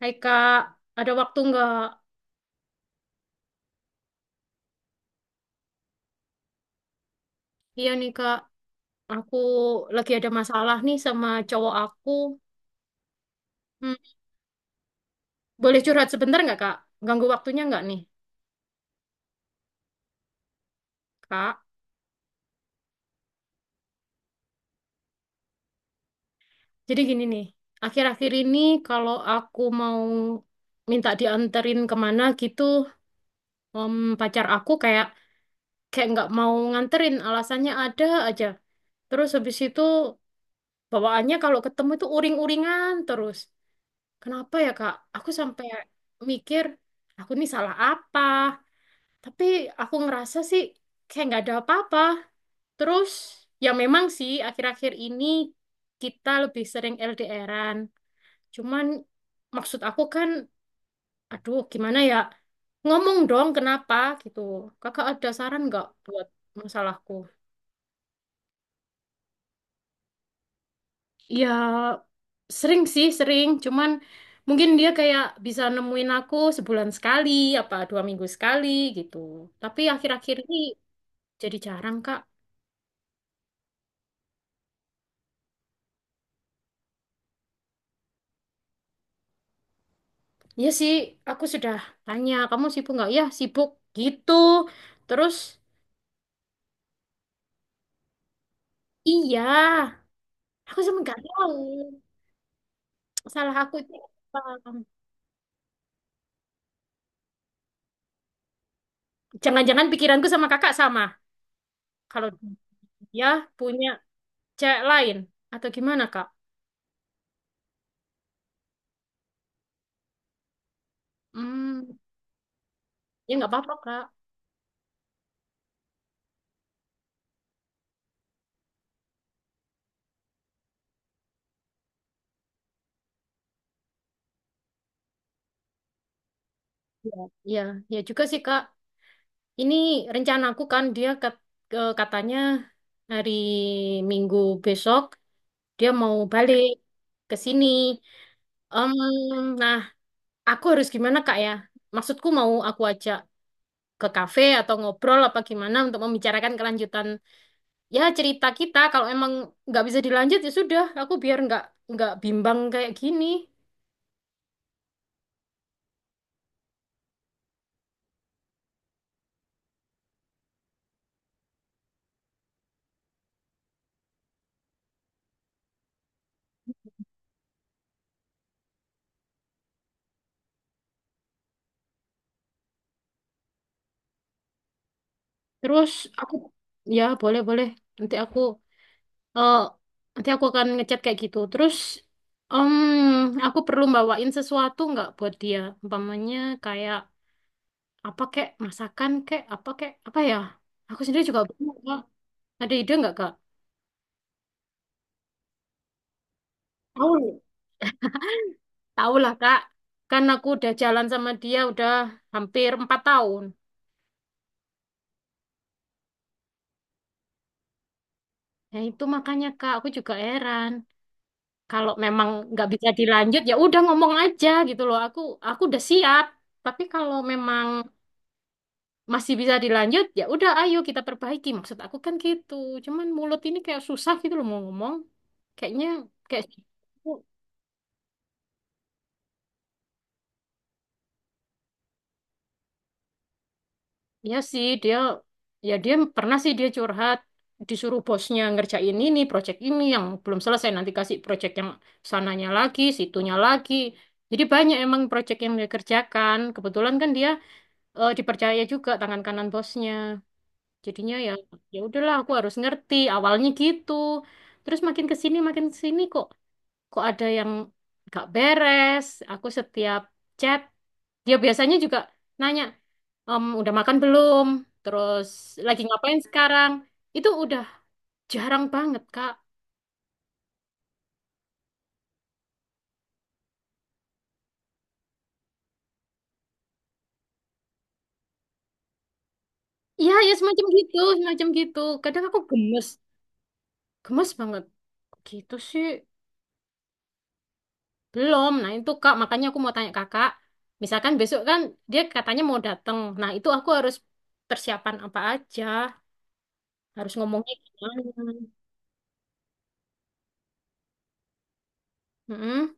Hai Kak, ada waktu nggak? Iya nih Kak, aku lagi ada masalah nih sama cowok aku. Hmm, Boleh curhat sebentar nggak Kak? Ganggu waktunya nggak nih Kak? Jadi gini nih, akhir-akhir ini kalau aku mau minta dianterin kemana gitu, em, pacar aku kayak kayak nggak mau nganterin, alasannya ada aja. Terus habis itu bawaannya kalau ketemu itu uring-uringan terus. Kenapa ya Kak? Aku sampai mikir aku nih salah apa. Tapi aku ngerasa sih kayak nggak ada apa-apa. Terus ya memang sih akhir-akhir ini kita lebih sering LDRan. Cuman maksud aku kan, aduh gimana ya? Ngomong dong kenapa gitu. Kakak ada saran nggak buat masalahku? Ya sering sih sering. Cuman mungkin dia kayak bisa nemuin aku sebulan sekali, apa 2 minggu sekali gitu. Tapi akhir-akhir ini jadi jarang, Kak. Iya sih, aku sudah tanya, kamu sibuk nggak? Ya, sibuk gitu. Terus, iya, aku sama nggak tahu. Salah aku itu apa. Jangan-jangan pikiranku sama kakak sama. Kalau dia punya cewek lain. Atau gimana, Kak? Hmm, ya nggak apa-apa, Kak. Ya, ya juga sih, Kak. Ini rencanaku kan, dia katanya hari Minggu besok, dia mau balik ke sini. Em, nah, aku harus gimana Kak ya? Maksudku mau aku ajak ke kafe atau ngobrol apa gimana untuk membicarakan kelanjutan, ya cerita kita. Kalau emang nggak bisa dilanjut ya sudah, aku biar nggak bimbang kayak gini. Terus aku ya boleh boleh. Nanti aku eh nanti aku akan ngechat kayak gitu. Terus em aku perlu bawain sesuatu nggak buat dia? Umpamanya kayak apa kek masakan kek apa ya? Aku sendiri juga bingung, Kak. Ada ide nggak Kak? Tahu. Tahu lah Kak, kan aku udah jalan sama dia udah hampir 4 tahun. Ya itu makanya Kak, aku juga heran. Kalau memang nggak bisa dilanjut, ya udah ngomong aja gitu loh. Aku udah siap. Tapi kalau memang masih bisa dilanjut, ya udah ayo kita perbaiki. Maksud aku kan gitu. Cuman mulut ini kayak susah gitu loh mau ngomong. Kayaknya kayak. Iya sih, dia pernah sih dia curhat disuruh bosnya ngerjain ini, project ini yang belum selesai nanti kasih project yang sananya lagi, situnya lagi. Jadi banyak emang project yang dia kerjakan. Kebetulan kan dia dipercaya juga tangan kanan bosnya. Jadinya ya ya udahlah aku harus ngerti awalnya gitu. Terus makin ke sini kok kok ada yang gak beres. Aku setiap chat, dia biasanya juga nanya, udah makan belum? Terus lagi ngapain sekarang? Itu udah jarang banget, Kak. Iya, ya semacam gitu, semacam gitu. Kadang aku gemes, gemes banget. Gitu sih, belum. Nah itu Kak, makanya aku mau tanya Kakak. Misalkan besok kan dia katanya mau datang. Nah itu aku harus persiapan apa aja, harus ngomongnya gimana. Mm-mm,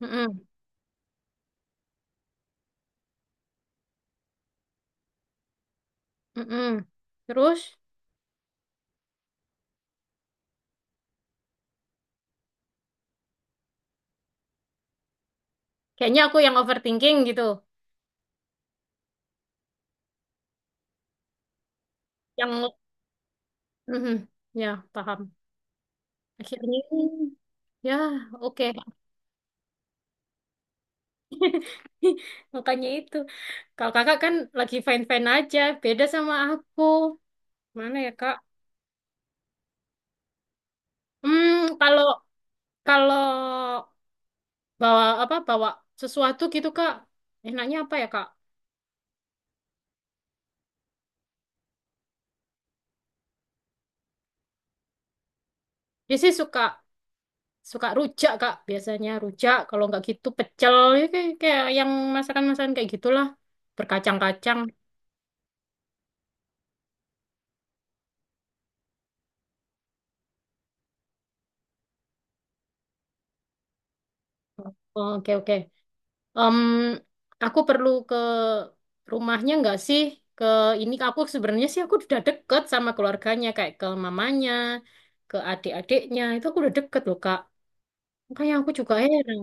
mm-mm. Mm-mm. Terus kayaknya aku yang overthinking gitu. Yang Mhm. Ya, paham. Akhirnya ya oke. Makanya itu. Kalau kakak kan lagi fine-fine aja, beda sama aku. Mana ya, Kak? Hmm, kalau kalau bawa sesuatu gitu, Kak. Enaknya apa ya, Kak? Dia sih suka suka rujak, Kak. Biasanya rujak, kalau nggak gitu pecel. Ya, kayak yang masakan-masakan kayak gitulah. Berkacang-kacang. Oh, oke, oke. Em, aku perlu ke rumahnya nggak sih? Ke ini aku sebenarnya sih aku udah deket sama keluarganya kayak ke mamanya, ke adik-adiknya. Itu aku udah deket loh, Kak. Makanya aku juga heran.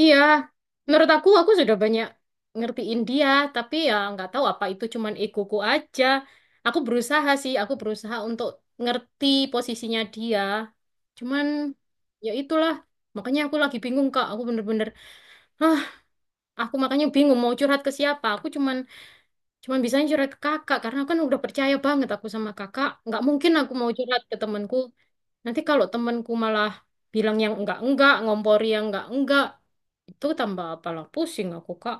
Iya, menurut aku sudah banyak ngertiin dia, tapi ya nggak tahu apa itu cuman egoku aja. Aku berusaha sih, aku berusaha untuk ngerti posisinya dia. Cuman ya itulah, makanya aku lagi bingung, Kak. Aku bener-bener, hah, aku makanya bingung mau curhat ke siapa. Aku cuman cuman bisa curhat ke kakak karena kan udah percaya banget aku sama kakak. Nggak mungkin aku mau curhat ke temanku. Nanti kalau temanku malah bilang yang enggak-enggak, ngompori yang enggak-enggak, itu tambah apalah pusing aku, Kak.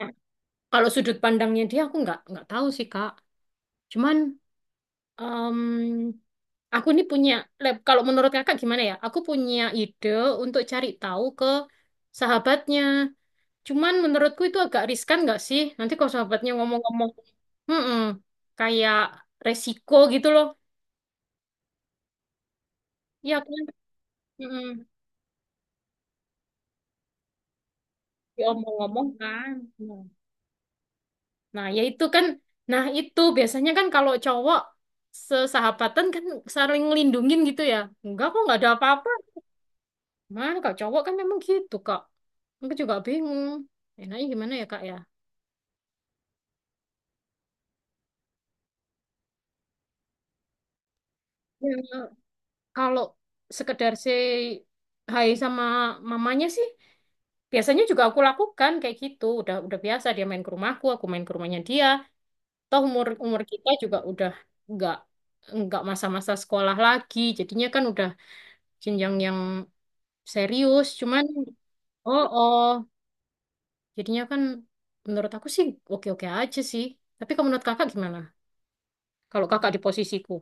Nah, kalau sudut pandangnya dia aku nggak tahu sih, Kak. Cuman em, aku ini punya kalau menurut kakak gimana ya? Aku punya ide untuk cari tahu ke sahabatnya. Cuman menurutku itu agak riskan nggak sih? Nanti kalau sahabatnya ngomong-ngomong, "Mm-mm, kayak resiko gitu loh. Ya kan? Mm-mm. Diomong-omong kan. Nah, nah, ya itu kan. Nah, itu biasanya kan kalau cowok sesahabatan kan saling ngelindungin gitu ya. Enggak kok, nggak ada apa-apa. Mana kalau cowok kan memang gitu, Kak. Aku juga bingung. Enaknya gimana ya, Kak ya? Ya. Kalau sekedar say hai sama mamanya sih, biasanya juga aku lakukan kayak gitu. Udah biasa dia main ke rumahku, aku main ke rumahnya dia. Toh umur umur kita juga udah nggak nggak masa-masa sekolah lagi. Jadinya kan udah jenjang yang serius. Cuman oh oh, jadinya kan menurut aku sih oke-oke aja sih. Tapi kalau menurut kakak gimana? Kalau kakak di posisiku.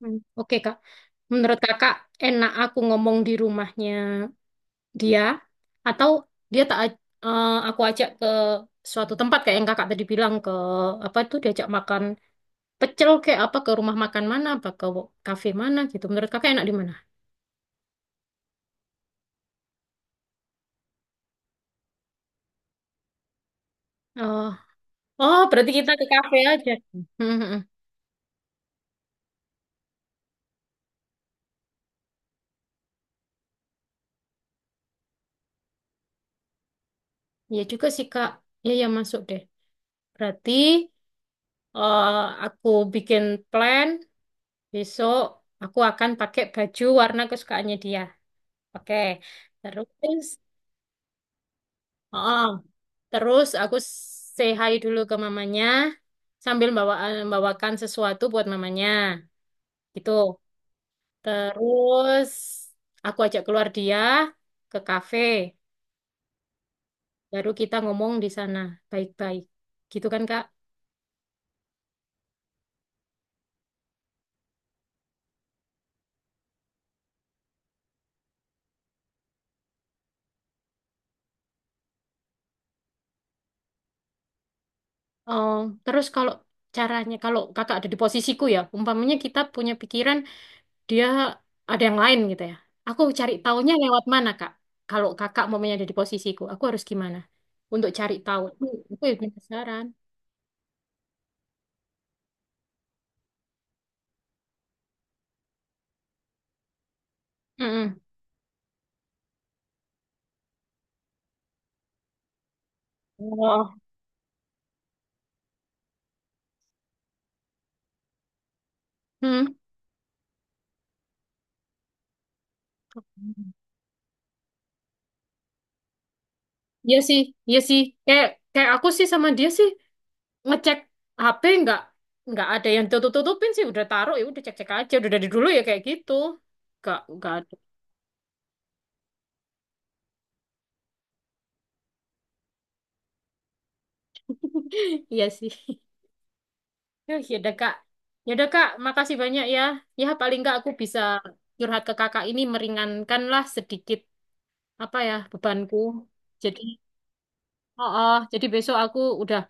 Hmm. Oke Kak. Menurut kakak, enak aku ngomong di rumahnya dia atau dia tak aj- eh, aku ajak ke suatu tempat kayak yang kakak tadi bilang, ke apa itu diajak makan pecel kayak apa ke rumah makan mana apa ke kafe mana gitu, menurut kakak enak di mana? Oh, oh, berarti kita ke kafe aja. Hmm, hmm, hmm. Ya juga sih Kak, ya ya masuk deh. Berarti, eh, aku bikin plan besok. Aku akan pakai baju warna kesukaannya dia. Oke. Terus, oh, terus aku say hi dulu ke mamanya sambil bawakan sesuatu buat mamanya gitu. Terus aku ajak keluar dia ke kafe, baru kita ngomong di sana baik-baik. Gitu kan Kak? Oh, terus kalau caranya kalau Kakak ada di posisiku ya, umpamanya kita punya pikiran dia ada yang lain gitu ya. Aku cari taunya lewat mana Kak? Kalau Kakak umpamanya ada di posisiku, aku harus gimana? Untuk cari tahu. Aku penasaran. Mm-mm. Oh. Hmm. Iya sih, iya sih. Kayak kayak aku sih sama dia sih ngecek HP nggak ada yang tutup-tutupin sih. Udah taruh ya, udah cek-cek aja. Udah dari dulu ya kayak gitu. Nggak ada. Iya sih. Yuh, ya udah Kak. Ya udah Kak, makasih banyak ya. Ya paling nggak aku bisa curhat ke Kakak ini meringankan lah sedikit apa ya bebanku. Jadi, oh, oh, jadi besok aku udah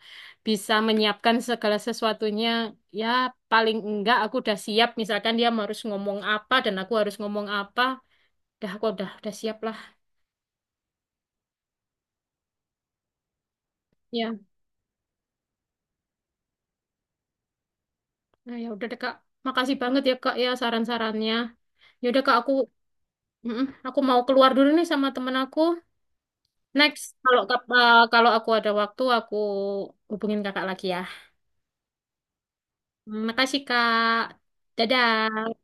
bisa menyiapkan segala sesuatunya. Ya, paling enggak aku udah siap. Misalkan dia harus ngomong apa dan aku harus ngomong apa. Dah, aku udah siap lah. Ya, nah, ya udah deh Kak. Makasih banget ya Kak ya saran-sarannya. Ya udah Kak, aku mau keluar dulu nih sama temen aku. Next, kalau aku ada waktu aku hubungin Kakak lagi ya. Makasih Kak. Dadah.